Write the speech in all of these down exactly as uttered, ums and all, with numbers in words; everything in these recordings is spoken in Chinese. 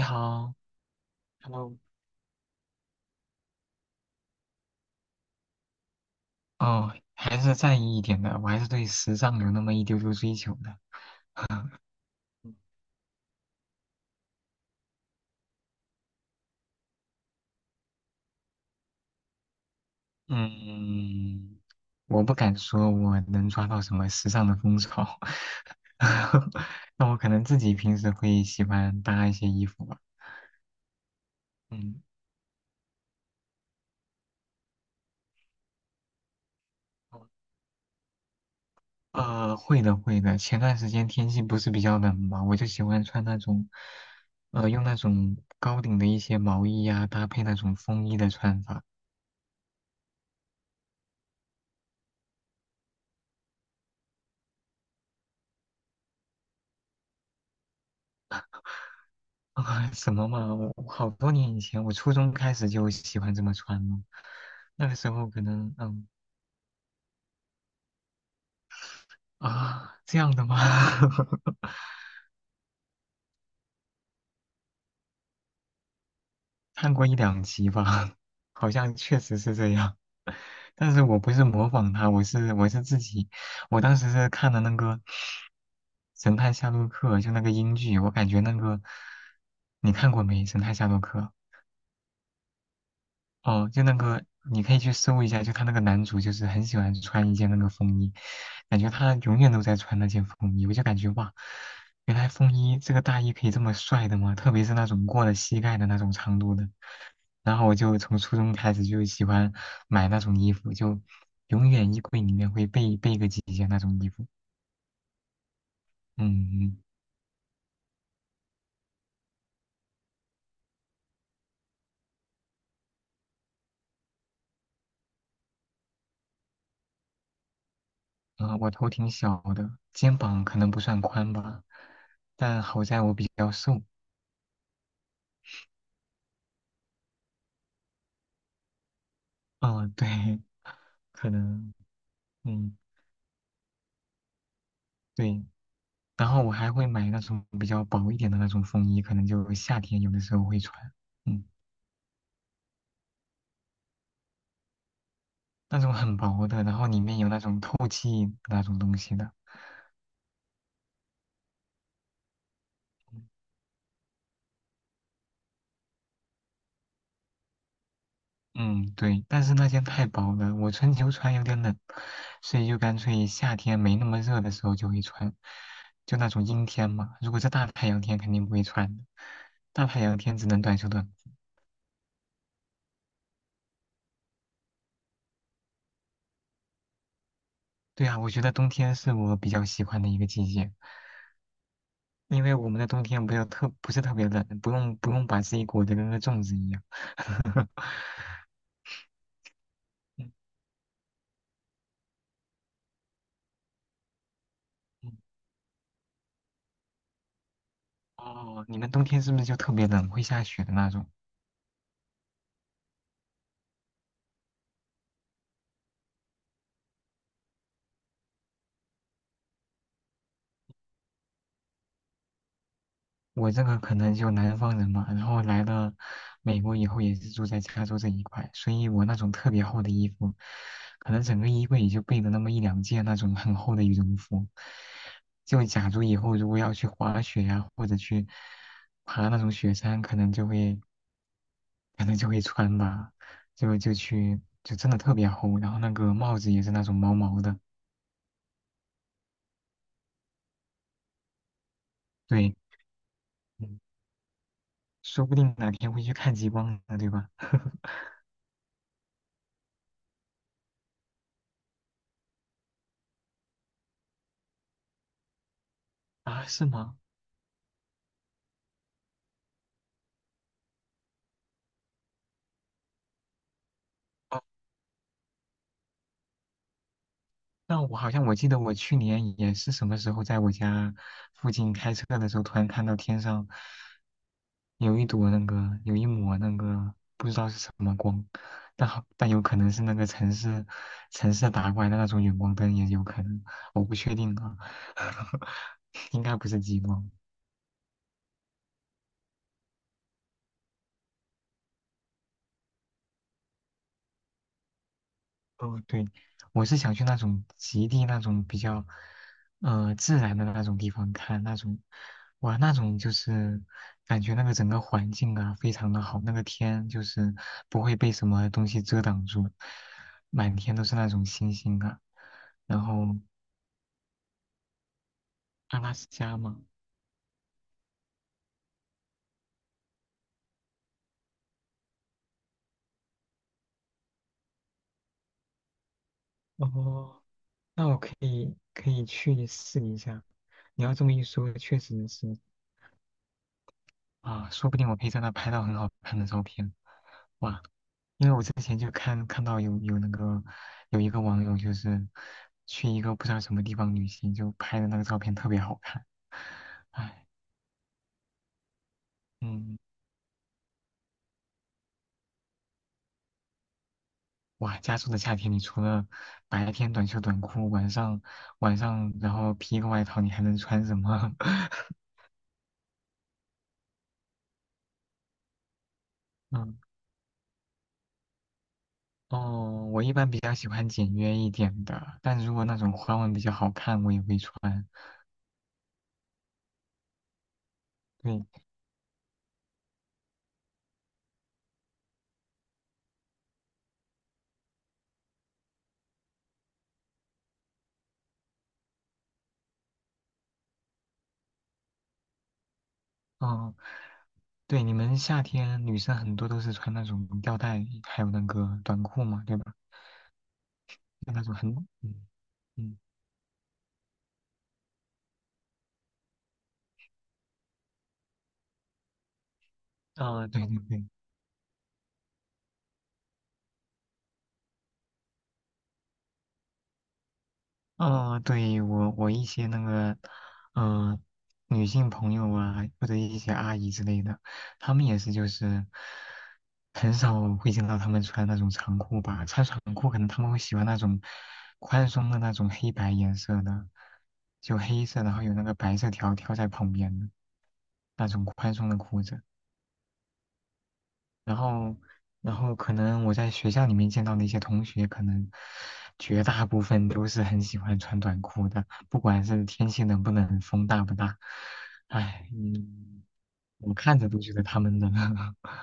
你好，Hello。哦，还是在意一点的，我还是对时尚有那么一丢丢追求的。嗯，我不敢说我能抓到什么时尚的风潮，那我可能自己平时会喜欢搭一些衣服吧。嗯，呃，会的，会的。前段时间天气不是比较冷嘛，我就喜欢穿那种，呃，用那种高领的一些毛衣呀、搭配那种风衣的穿法。啊，什么嘛？我我好多年以前，我初中开始就喜欢这么穿了。那个时候可能，嗯。啊，这样的吗？看过一两集吧，好像确实是这样。但是我不是模仿他，我是我是自己，我当时是看了那个《神探夏洛克》，就那个英剧，我感觉那个你看过没，《神探夏洛克》？哦，就那个，你可以去搜一下，就他那个男主，就是很喜欢穿一件那个风衣，感觉他永远都在穿那件风衣，我就感觉哇，原来风衣这个大衣可以这么帅的吗？特别是那种过了膝盖的那种长度的。然后我就从初中开始就喜欢买那种衣服，就永远衣柜里面会备备个几件那种衣服。嗯，啊、我头挺小的，肩膀可能不算宽吧，但好在我比较瘦。嗯，对，可能。嗯，对。然后我还会买那种比较薄一点的那种风衣，可能就夏天有的时候会穿。嗯，那种很薄的，然后里面有那种透气那种东西的。嗯，对。但是那件太薄了，我春秋穿有点冷，所以就干脆夏天没那么热的时候就会穿，就那种阴天嘛。如果是大太阳天，肯定不会穿的。大太阳天只能短袖短裤。对啊，我觉得冬天是我比较喜欢的一个季节。因为我们的冬天不要特不是特别冷，不用不用把自己裹得跟个粽子一样。嗯嗯。哦，你们冬天是不是就特别冷，会下雪的那种？我这个可能就南方人嘛，然后来了美国以后也是住在加州这一块，所以我那种特别厚的衣服，可能整个衣柜也就备了那么一两件那种很厚的羽绒服。就假如以后如果要去滑雪呀、或者去爬那种雪山，可能就会可能就会穿吧，就就去就真的特别厚，然后那个帽子也是那种毛毛的，对，嗯。说不定哪天会去看极光呢，对吧？啊，是吗？那我好像我记得我去年也是什么时候在我家附近开车的时候，突然看到天上有一朵那个有一抹那个不知道是什么光，但好但有可能是那个城市城市打过来的那种远光灯，也有可能，我不确定啊，应该不是激光。哦，对，我是想去那种极地那种比较，呃，自然的那种地方看那种，哇，那种就是感觉那个整个环境啊非常的好，那个天就是不会被什么东西遮挡住，满天都是那种星星啊。然后阿拉斯加嘛，哦，那我可以可以去试一下。你要这么一说，确实是。啊，说不定我可以在那拍到很好看的照片。哇，因为我之前就看看到有有那个有一个网友就是去一个不知道什么地方旅行，就拍的那个照片特别好看。唉，嗯，哇，加州的夏天，你除了白天短袖短裤，晚上晚上然后披一个外套，你还能穿什么？嗯，哦，我一般比较喜欢简约一点的，但如果那种花纹比较好看，我也会穿。对，嗯，对，你们夏天女生很多都是穿那种吊带，还有那个短裤嘛，对吧？就那种很，嗯嗯，啊、对对对，哦，对，我我一些那个，嗯、女性朋友啊，或者一些阿姨之类的，她们也是就是很少会见到她们穿那种长裤吧，穿长裤可能她们会喜欢那种宽松的那种黑白颜色的，就黑色，然后有那个白色条条在旁边的那种宽松的裤子。然后，然后可能我在学校里面见到的一些同学，可能绝大部分都是很喜欢穿短裤的，不管是天气冷不冷，风大不大，唉，嗯，我看着都觉得他们冷。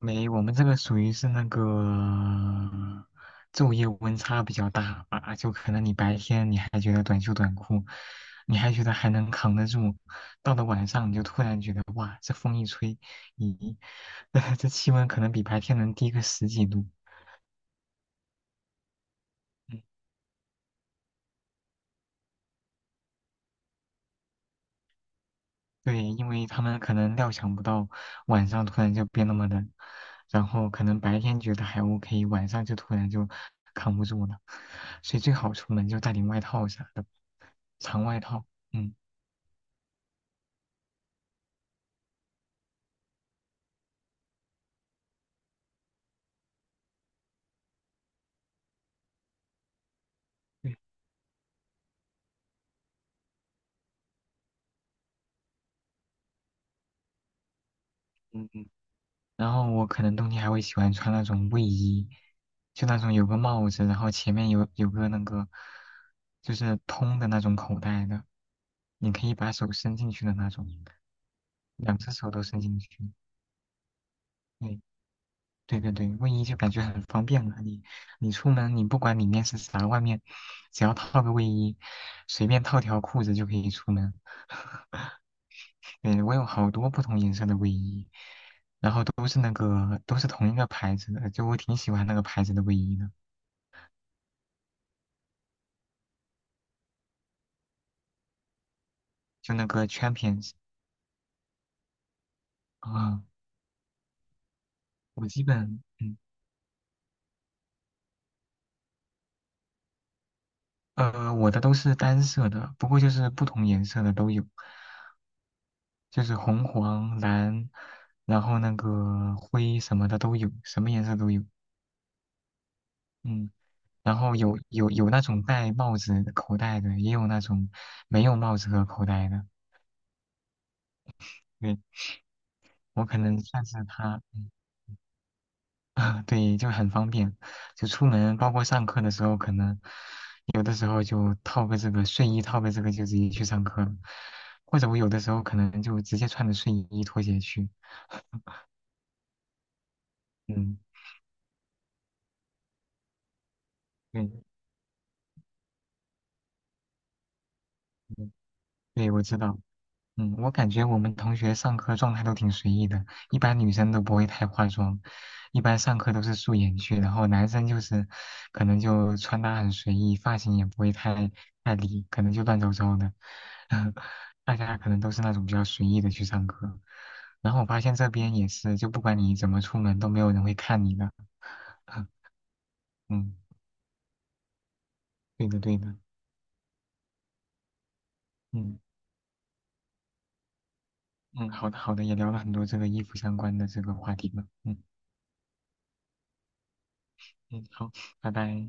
没，我们这个属于是那个昼夜温差比较大啊，就可能你白天你还觉得短袖短裤，你还觉得还能扛得住，到了晚上你就突然觉得哇，这风一吹，咦，这气温可能比白天能低个十几度。对，因为他们可能料想不到晚上突然就变那么冷，然后可能白天觉得还 OK，晚上就突然就扛不住了，所以最好出门就带点外套啥的，长外套。嗯，对，嗯嗯。然后我可能冬天还会喜欢穿那种卫衣，就那种有个帽子，然后前面有有个那个就是通的那种口袋的，你可以把手伸进去的那种，两只手都伸进去。对。对对对，卫衣就感觉很方便了。你你出门，你不管里面是啥，外面只要套个卫衣，随便套条裤子就可以出门。对，我有好多不同颜色的卫衣，然后都是那个都是同一个牌子的，就我挺喜欢那个牌子的卫衣的，就那个 Champions。 啊、我基本嗯。呃我的都是单色的，不过就是不同颜色的都有，就是红黄蓝，然后那个灰什么的都有，什么颜色都有。嗯。然后有有有那种戴帽子口袋的，也有那种没有帽子和口袋的。对，我可能算是他，嗯。 对，就很方便，就出门包括上课的时候，可能有的时候就套个这个睡衣，套个这个就直接去上课了，或者我有的时候可能就直接穿着睡衣拖鞋去。嗯，对，嗯。对对我知道。嗯，我感觉我们同学上课状态都挺随意的，一般女生都不会太化妆，一般上课都是素颜去，然后男生就是可能就穿搭很随意，发型也不会太太理，可能就乱糟糟的，大家可能都是那种比较随意的去上课。然后我发现这边也是，就不管你怎么出门，都没有人会看你的。嗯，对的对的，嗯嗯，好的好的，也聊了很多这个衣服相关的这个话题了，嗯嗯，好，拜拜。